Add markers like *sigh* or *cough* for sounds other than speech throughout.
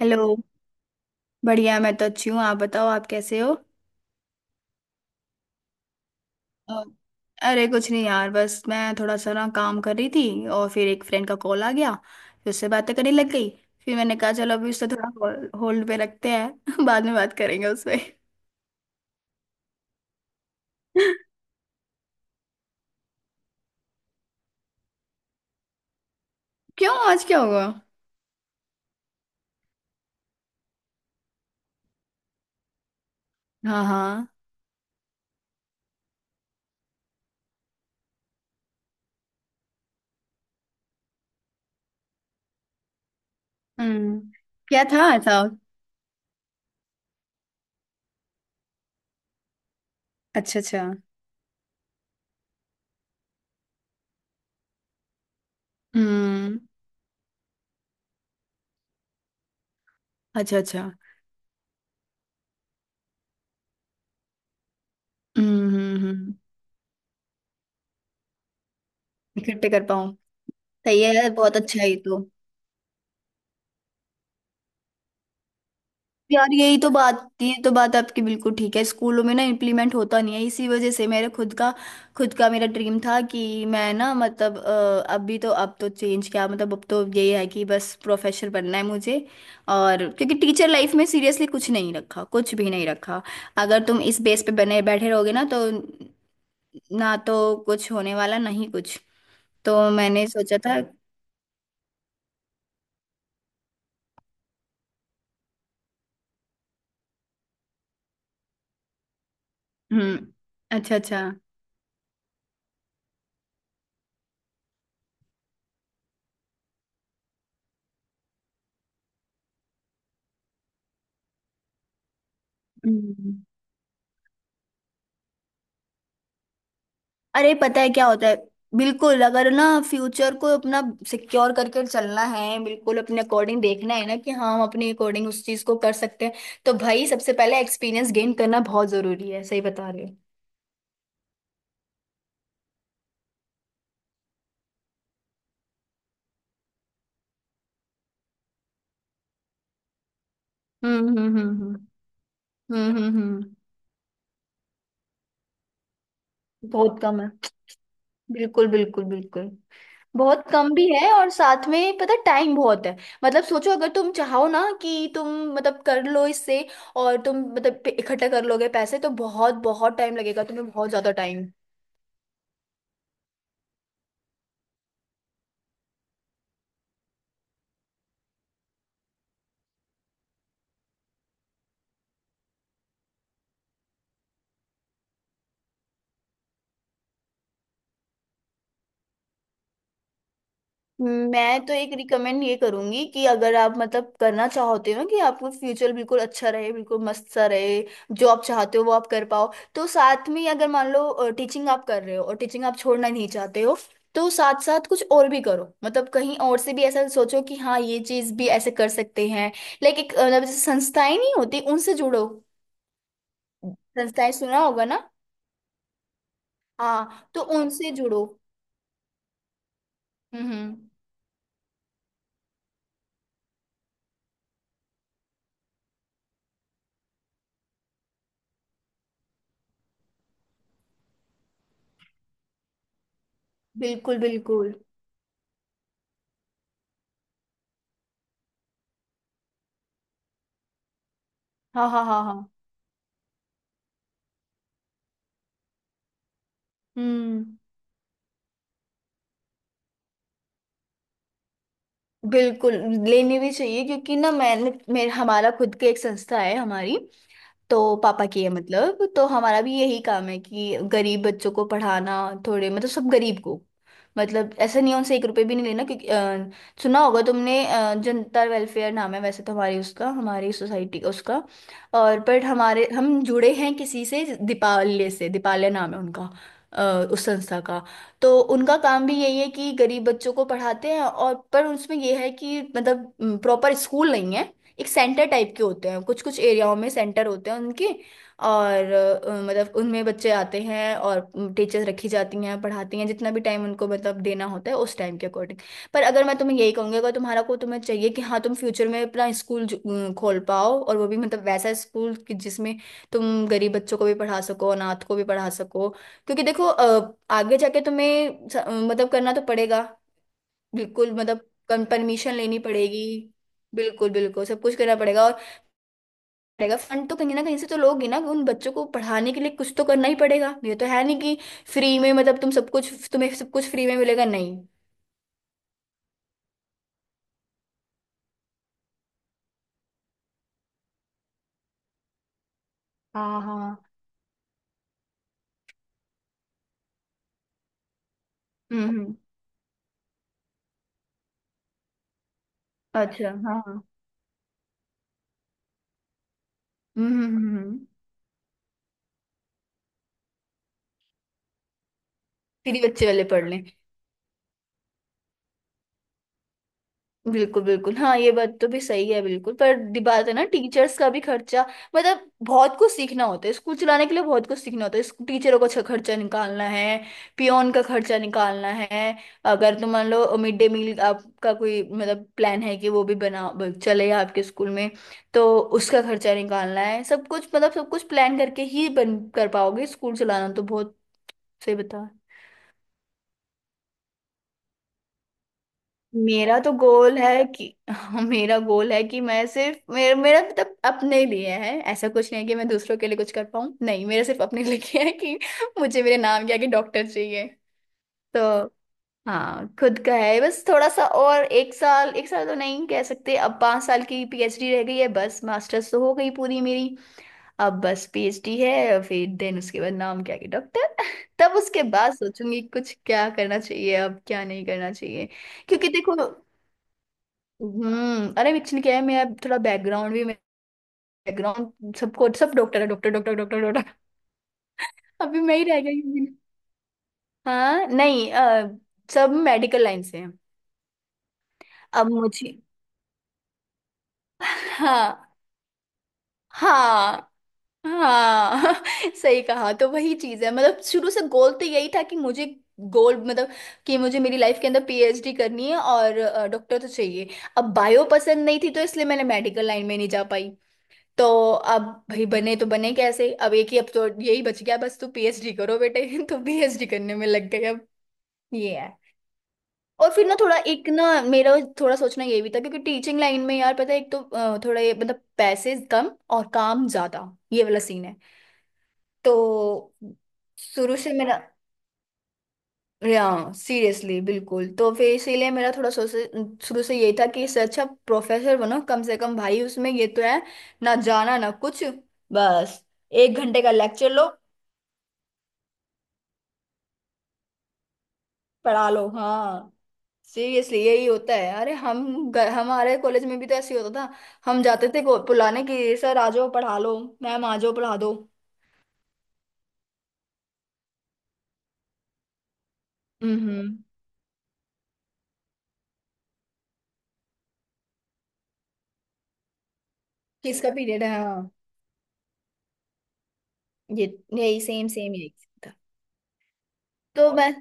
Hello. बढ़िया, मैं तो अच्छी हूँ। आप बताओ, आप कैसे हो? अ, अरे कुछ नहीं यार, बस मैं थोड़ा सा ना काम कर रही थी और फिर एक फ्रेंड का कॉल आ गया। फिर उससे बातें करने लग गई। फिर मैंने कहा चलो अभी उससे थोड़ा होल्ड पे रखते हैं *laughs* बाद में बात करेंगे उससे। *laughs* क्यों, आज क्या हुआ? हाँ हाँ। हम्म। क्या था ऐसा? अच्छा अच्छा। हम्म। अच्छा अच्छा। हम्म। इकट्ठे कर पाऊँ। सही है, बहुत अच्छा है ये तो। यार यही तो बात, ये तो बात आपकी बिल्कुल ठीक है। स्कूलों में ना इम्प्लीमेंट होता नहीं है, इसी वजह से मेरे खुद का मेरा ड्रीम था कि मैं ना मतलब अभी तो अब तो चेंज क्या मतलब, अब तो यही है कि बस प्रोफेसर बनना है मुझे। और क्योंकि टीचर लाइफ में सीरियसली कुछ नहीं रखा, कुछ भी नहीं रखा। अगर तुम इस बेस पे बने बैठे रहोगे ना तो कुछ होने वाला नहीं कुछ। तो मैंने सोचा था। हम्म। अच्छा अच्छा। हम्म। अरे पता है क्या होता है? बिल्कुल, अगर ना फ्यूचर को अपना सिक्योर करके चलना है, बिल्कुल अपने अकॉर्डिंग देखना है ना कि हाँ, हम अपने अकॉर्डिंग उस चीज को कर सकते हैं, तो भाई सबसे पहले एक्सपीरियंस गेन करना बहुत जरूरी है, सही बता रहे हो। हम्म। हम्म। बहुत कम है। बिल्कुल बिल्कुल बिल्कुल। बहुत कम भी है और साथ में पता, टाइम बहुत है। मतलब सोचो, अगर तुम चाहो ना कि तुम मतलब कर लो इससे, और तुम मतलब इकट्ठा कर लोगे पैसे तो बहुत बहुत टाइम लगेगा तुम्हें, बहुत ज्यादा टाइम। मैं तो एक रिकमेंड ये करूंगी कि अगर आप मतलब करना चाहते हो कि आपको फ्यूचर बिल्कुल अच्छा रहे, बिल्कुल मस्त सा रहे, जो आप चाहते हो वो आप कर पाओ, तो साथ में अगर मान लो टीचिंग आप कर रहे हो और टीचिंग आप छोड़ना नहीं चाहते हो, तो साथ साथ कुछ और भी करो। मतलब कहीं और से भी ऐसा सोचो कि हाँ, ये चीज भी ऐसे कर सकते हैं। लाइक एक मतलब जैसे संस्थाएं नहीं होती उनसे जुड़ो। संस्थाएं सुना होगा ना। हाँ, तो उनसे जुड़ो। हम्म। बिल्कुल बिल्कुल। हाँ हाँ हाँ हाँ। हम्म। बिल्कुल। लेनी भी चाहिए, क्योंकि ना मैंने मेरे हमारा खुद के एक संस्था है हमारी। तो पापा की है मतलब, तो हमारा भी यही काम है कि गरीब बच्चों को पढ़ाना। थोड़े मतलब सब गरीब को, मतलब ऐसा नहीं है, उनसे एक रुपए भी नहीं लेना, क्योंकि सुना होगा तुमने, जनता वेलफेयर नाम है वैसे तो हमारी, उसका, हमारी सोसाइटी का उसका। और पर हमारे हम जुड़े हैं किसी से, दीपालय से। दीपालय नाम है उनका। अ, उस संस्था का। तो उनका काम भी यही है कि गरीब बच्चों को पढ़ाते हैं, और पर उसमें यह है कि मतलब प्रॉपर स्कूल नहीं है। एक सेंटर टाइप के होते हैं, कुछ कुछ एरियाओं में सेंटर होते हैं उनके। और मतलब उनमें बच्चे आते हैं और टीचर्स रखी जाती हैं, पढ़ाती हैं जितना भी टाइम उनको मतलब देना होता है, उस टाइम के अकॉर्डिंग। पर अगर मैं तुम्हें यही कहूँगी, अगर तुम्हारा को तुम्हें चाहिए कि हाँ तुम फ्यूचर में अपना स्कूल खोल पाओ, और वो भी मतलब वैसा स्कूल कि जिसमें तुम गरीब बच्चों को भी पढ़ा सको, अनाथ को भी पढ़ा सको, क्योंकि देखो आगे जाके तुम्हें स- मतलब करना तो पड़ेगा। बिल्कुल मतलब परमिशन लेनी पड़ेगी। बिल्कुल बिल्कुल सब कुछ करना पड़ेगा। और पड़ेगा फंड तो कहीं ना कहीं से तो लोगे ना, उन बच्चों को पढ़ाने के लिए कुछ तो करना ही पड़ेगा, ये तो है नहीं कि फ्री में मतलब तुम सब कुछ, तुम्हें सब कुछ फ्री में मिलेगा नहीं। हाँ हाँ। हम्म। अच्छा हाँ हाँ। हम्म। फ्री बच्चे वाले पढ़ लें। बिल्कुल बिल्कुल हाँ, ये बात तो भी सही है बिल्कुल, पर दी बात है ना टीचर्स का भी खर्चा, मतलब बहुत कुछ सीखना होता है स्कूल चलाने के लिए, बहुत कुछ सीखना होता है। स्कू- टीचरों का छ- खर्चा निकालना है, पियोन का खर्चा निकालना है। अगर तो मान लो मिड डे मील आपका कोई मतलब प्लान है कि वो भी बना ब- चले आपके स्कूल में, तो उसका खर्चा निकालना है। सब कुछ मतलब सब कुछ प्लान करके ही बन कर पाओगे, स्कूल चलाना तो बहुत से बता। मेरा तो गोल है कि *laughs* मेरा गोल है कि मैं सिर्फ मेरा, मेरा मतलब अपने लिए है, ऐसा कुछ नहीं है कि मैं दूसरों के लिए कुछ कर पाऊँ, नहीं, मेरा सिर्फ अपने *laughs* लिए है कि मुझे मेरे नाम के आगे डॉक्टर चाहिए। तो हाँ खुद का है बस, थोड़ा सा और एक साल तो नहीं कह सकते, अब 5 साल की पीएचडी रह गई है बस, मास्टर्स तो हो गई पूरी मेरी। अब बस पीएचडी है, फिर देन उसके बाद नाम के आगे डॉक्टर। *laughs* तब उसके बाद सोचूंगी कुछ क्या करना चाहिए, अब क्या नहीं करना चाहिए। क्योंकि देखो हम्म, अरे एक्चुअली क्या है, मैं अब थोड़ा बैकग्राउंड भी, बैकग्राउंड सबको सब डॉक्टर है, डॉक्टर डॉक्टर डॉक्टर डॉक्टर। अभी मैं ही रह गई हूँ बिना-। हाँ नहीं सब मेडिकल लाइन से हैं। अब मुझे हाँ। हाँ हाँ। *laughs* सही कहा, तो वही चीज है मतलब शुरू से गोल तो यही था कि मुझे गोल मतलब कि मुझे मेरी लाइफ के अंदर पीएचडी करनी है और डॉक्टर तो चाहिए। अब बायो पसंद नहीं थी तो इसलिए मैंने मेडिकल लाइन में नहीं जा पाई। तो अब भाई बने तो बने कैसे, अब एक ही, अब तो यही बच गया बस, तू पीएचडी करो बेटे। *laughs* तो पीएचडी करने में लग गए अब। ये है। और फिर ना थोड़ा एक ना मेरा थोड़ा सोचना ये भी था, क्योंकि टीचिंग लाइन में यार पता है एक तो थोड़ा ये मतलब पैसे कम और काम ज्यादा, ये वाला सीन है। तो शुरू से मेरा, या, सीरियसली बिल्कुल, तो फिर इसीलिए मेरा थोड़ा सोच शुरू से यही था कि इससे अच्छा प्रोफेसर बनो कम से कम, भाई उसमें ये तो है ना जाना ना कुछ, बस 1 घंटे का लेक्चर लो। पढ़ा लो, हाँ। सीरियसली यही होता है। अरे हम ग- हमारे कॉलेज में भी तो ऐसे ही होता था। हम जाते थे को- बुलाने की सर आ जाओ पढ़ा लो, मैम आ जाओ पढ़ा दो। हम्म। किसका पीरियड है, हाँ। ये, यही सेम सेम यही था। तो मैं,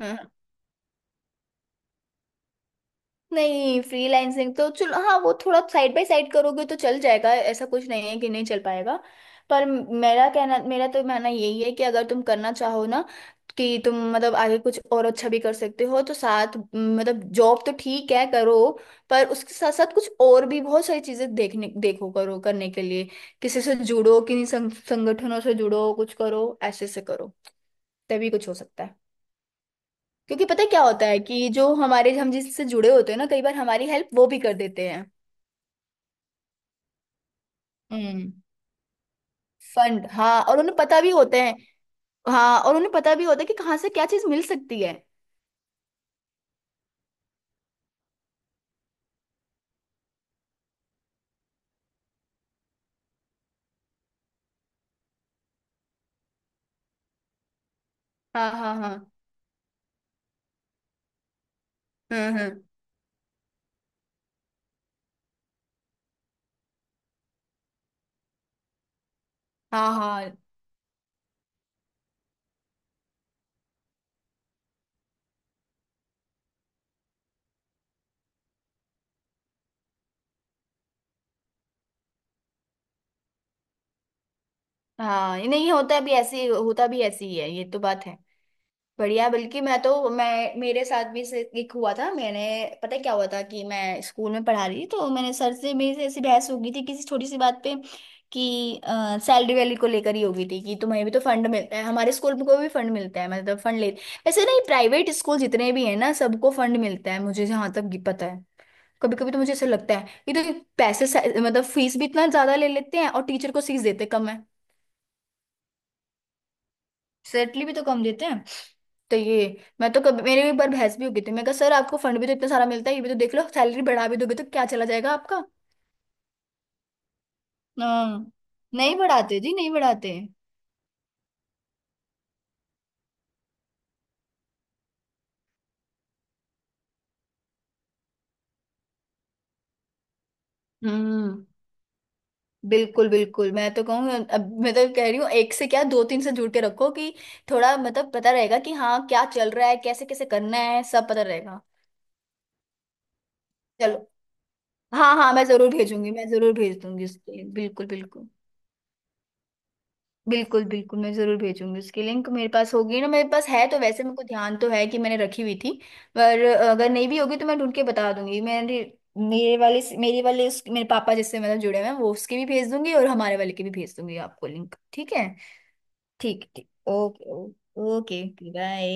हाँ नहीं फ्रीलांसिंग तो चलो हाँ, वो थोड़ा साइड बाय साइड करोगे तो चल जाएगा, ऐसा कुछ नहीं है कि नहीं चल पाएगा। पर मेरा कहना, मेरा तो मानना यही है कि अगर तुम करना चाहो ना कि तुम मतलब आगे कुछ और अच्छा भी कर सकते हो तो साथ म, मतलब जॉब तो ठीक है करो, पर उसके साथ साथ कुछ और भी बहुत सारी चीजें देखने देखो करो करने के लिए, किसी से जुड़ो, किसी संग, संगठनों से जुड़ो, कुछ करो ऐसे से करो, तभी कुछ हो सकता है। क्योंकि पता है क्या होता है कि जो हमारे हम जिससे जुड़े होते हैं ना, कई बार हमारी हेल्प वो भी कर देते हैं। हम्म। फंड हाँ, और उन्हें पता भी होते हैं, हाँ और उन्हें पता भी होता है कि कहाँ से क्या चीज मिल सकती है। हाँ हाँ हाँ। हम्म। हाँ हाँ हाँ, ये नहीं होता भी ऐसे ही- होता भी ऐसे ही है, ये तो बात है। बढ़िया, बल्कि मैं तो, मैं मेरे साथ भी से एक हुआ था, मैंने, पता है क्या हुआ था कि मैं स्कूल में पढ़ा रही थी तो मैंने सर से मेरी से ऐसी बहस हो गई थी किसी छोटी सी बात पे, कि सैलरी वैली को लेकर ही हो गई थी कि तुम्हें भी तो फंड मिलता है, हमारे स्कूल को भी फंड मिलता है, मतलब फंड ले, वैसे नहीं, प्राइवेट स्कूल जितने भी हैं ना सबको फंड मिलता है, मुझे जहाँ तक ये पता है। कभी कभी तो मुझे ऐसा लगता है कि तो पैसे मतलब फीस भी इतना ज्यादा ले लेते हैं, और टीचर को फीस देते कम है। सैलरी भी तो कम देते हैं। तो ये, मैं तो कभी मेरे भी एक बार बहस भी हो गई थी, मैं कहा सर आपको फंड भी तो इतना सारा मिलता है, ये भी तो देख लो, सैलरी बढ़ा भी दोगे तो क्या चला जाएगा आपका। हाँ नहीं बढ़ाते जी, नहीं बढ़ाते। हम्म। बिल्कुल बिल्कुल, मैं तो कहूँ, अब मैं तो कह रही हूँ एक से क्या दो तीन से जुड़ के रखो, कि थोड़ा मतलब पता रहेगा कि हाँ क्या चल रहा है, कैसे कैसे करना है सब पता रहेगा। चलो। हाँ हाँ, मैं जरूर भेजूंगी, मैं जरूर भेज दूंगी उसके लिए बिल्कुल बिल्कुल। बिल्कुल बिल्कुल मैं जरूर भेजूंगी उसकी लिंक। मेरे पास होगी ना, मेरे पास है तो वैसे, मेरे को ध्यान तो है कि मैंने रखी हुई थी, पर अगर नहीं भी होगी तो मैं ढूंढ के बता दूंगी। मेरे, मेरे वाले, मेरे वाले उस, मेरे पापा जिससे मतलब जुड़े हुए हैं वो उसके भी भेज दूंगी, और हमारे वाले के भी भेज दूंगी आपको लिंक, ठीक है। ठीक, ठीक, ओके ओके। Okay bye.